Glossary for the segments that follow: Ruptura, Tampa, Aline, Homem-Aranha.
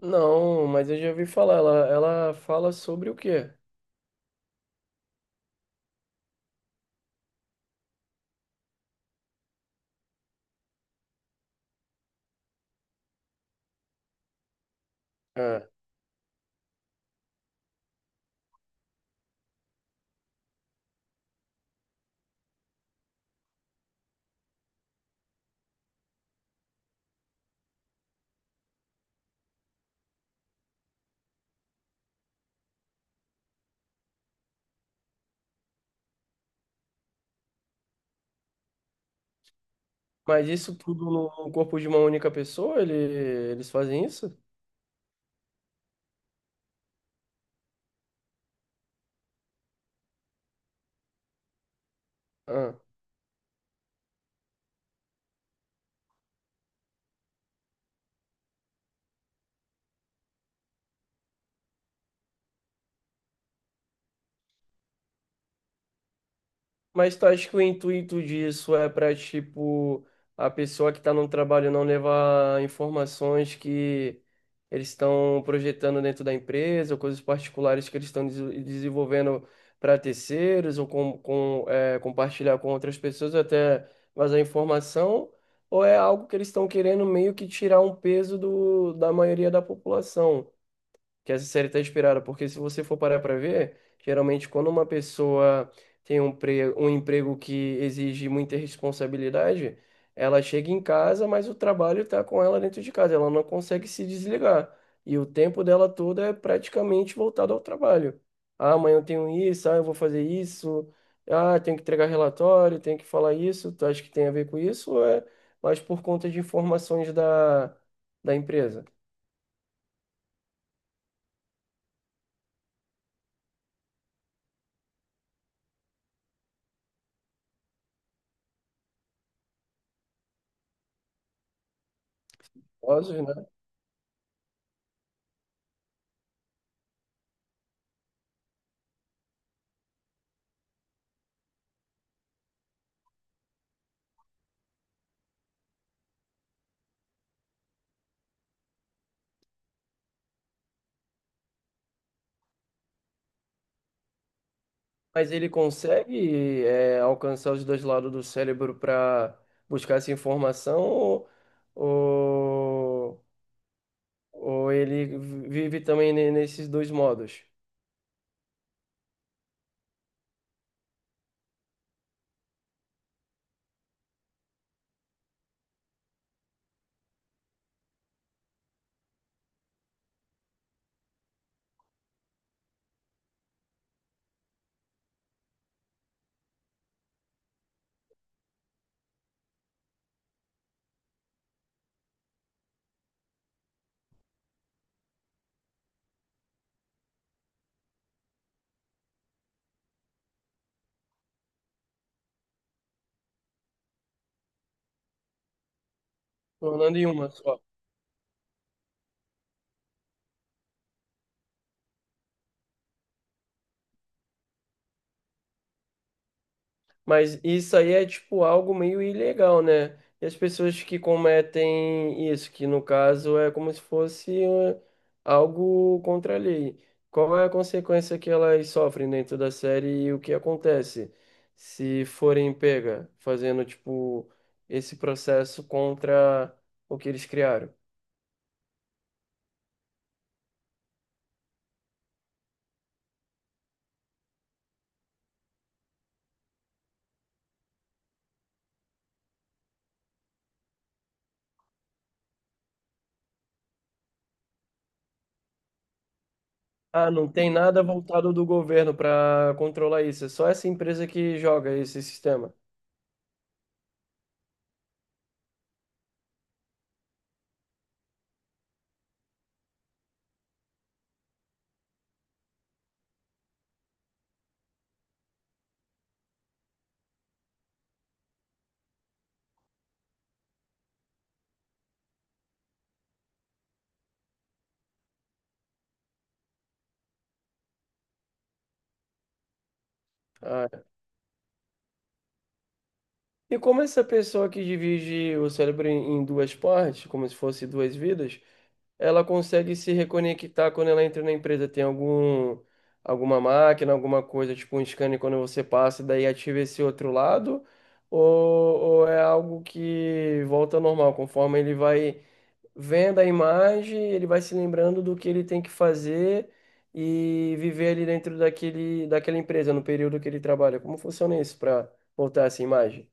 Não, mas eu já ouvi falar. Ela fala sobre o quê? Ah, mas isso tudo no corpo de uma única pessoa? Eles fazem isso? Ah. Mas tu acha que o intuito disso é para, tipo, a pessoa que está no trabalho não levar informações que eles estão projetando dentro da empresa, ou coisas particulares que eles estão desenvolvendo para terceiros, ou compartilhar com outras pessoas, até vazar informação, ou é algo que eles estão querendo meio que tirar um peso do, da maioria da população? Que essa série está inspirada, porque se você for parar para ver, geralmente quando uma pessoa tem um emprego que exige muita responsabilidade, ela chega em casa, mas o trabalho está com ela dentro de casa, ela não consegue se desligar. E o tempo dela todo é praticamente voltado ao trabalho. Ah, amanhã eu tenho isso, ah, eu vou fazer isso, ah, tenho que entregar relatório, tenho que falar isso, tu acha que tem a ver com isso? Ou é mais por conta de informações da empresa? Né? Mas ele consegue alcançar os dois lados do cérebro para buscar essa informação ou, ou ele vive também nesses dois modos, tornando em uma só? Mas isso aí é tipo algo meio ilegal, né? E as pessoas que cometem isso, que no caso é como se fosse algo contra a lei. Qual é a consequência que elas sofrem dentro da série e o que acontece se forem pega fazendo tipo esse processo contra o que eles criaram? Ah, não tem nada voltado do governo para controlar isso, é só essa empresa que joga esse sistema. Ah, e como essa pessoa que divide o cérebro em duas partes, como se fosse duas vidas, ela consegue se reconectar quando ela entra na empresa? Tem algum, alguma máquina, alguma coisa, tipo um scanner quando você passa, daí ativa esse outro lado? Ou, ou é algo que volta ao normal, conforme ele vai vendo a imagem, ele vai se lembrando do que ele tem que fazer e viver ali dentro daquele, daquela empresa, no período que ele trabalha? Como funciona isso para voltar essa imagem?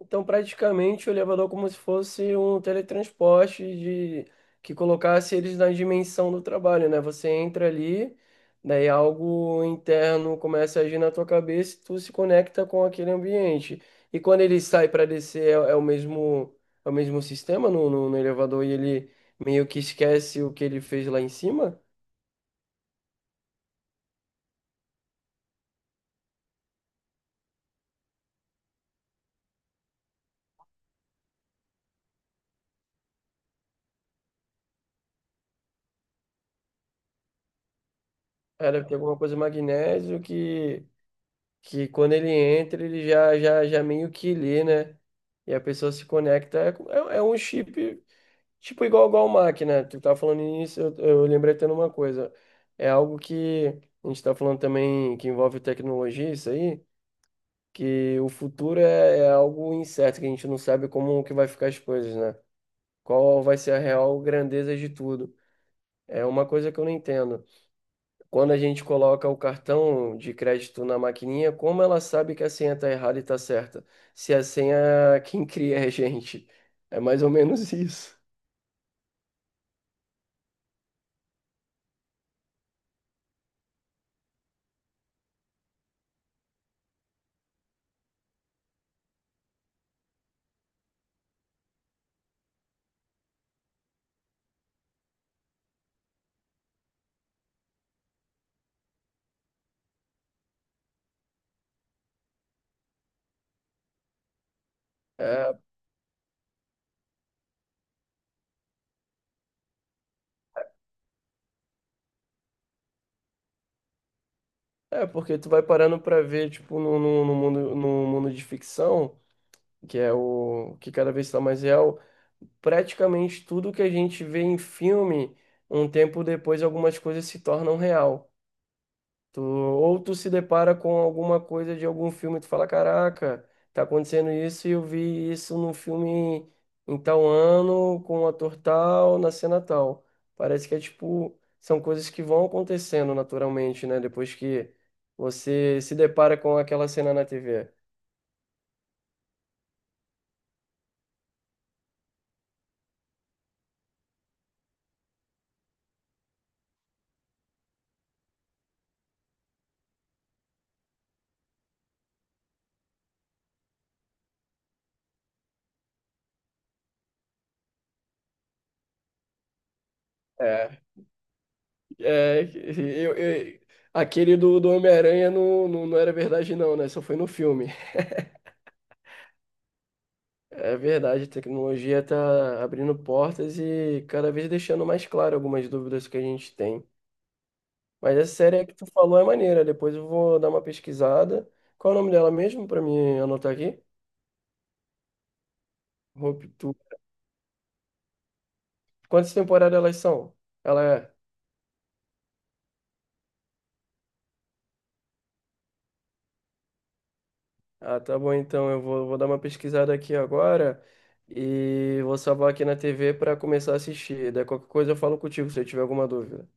Então, praticamente, o elevador é como se fosse um teletransporte de que colocasse eles na dimensão do trabalho, né? Você entra ali, daí algo interno começa a agir na tua cabeça e tu se conecta com aquele ambiente. E quando ele sai para descer, é o mesmo sistema no elevador e ele meio que esquece o que ele fez lá em cima? Era ter alguma coisa magnésio que quando ele entra, ele já meio que lê, né? E a pessoa se conecta. É é um chip, tipo, igual máquina. Tu tá falando nisso, eu lembrei até de uma coisa. É algo que a gente tá falando também que envolve tecnologia, isso aí, que o futuro é algo incerto, que a gente não sabe como que vai ficar as coisas, né? Qual vai ser a real grandeza de tudo. É uma coisa que eu não entendo. Quando a gente coloca o cartão de crédito na maquininha, como ela sabe que a senha está errada e está certa? Se a senha é quem cria é a gente. É mais ou menos isso. É, é porque tu vai parando para ver, tipo, no mundo, no mundo de ficção, que é o que cada vez está mais real, praticamente tudo que a gente vê em filme, um tempo depois algumas coisas se tornam real. Tu, ou tu se depara com alguma coisa de algum filme e tu fala, caraca, tá acontecendo isso e eu vi isso num filme em tal ano, com o ator tal, na cena tal. Parece que é tipo, são coisas que vão acontecendo naturalmente, né? Depois que você se depara com aquela cena na TV. É, é, eu, eu- aquele do Homem-Aranha não era verdade não, né? Só foi no filme. É verdade, a tecnologia está abrindo portas e cada vez deixando mais claro algumas dúvidas que a gente tem. Mas essa série que tu falou é maneira, depois eu vou dar uma pesquisada. Qual é o nome dela mesmo para me anotar aqui? Ruptura. Quantas temporadas elas são? Ela é. Ah, tá bom, então eu vou dar uma pesquisada aqui agora e vou salvar aqui na TV para começar a assistir. Daí qualquer coisa eu falo contigo se eu tiver alguma dúvida.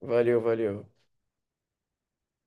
Valeu, valeu.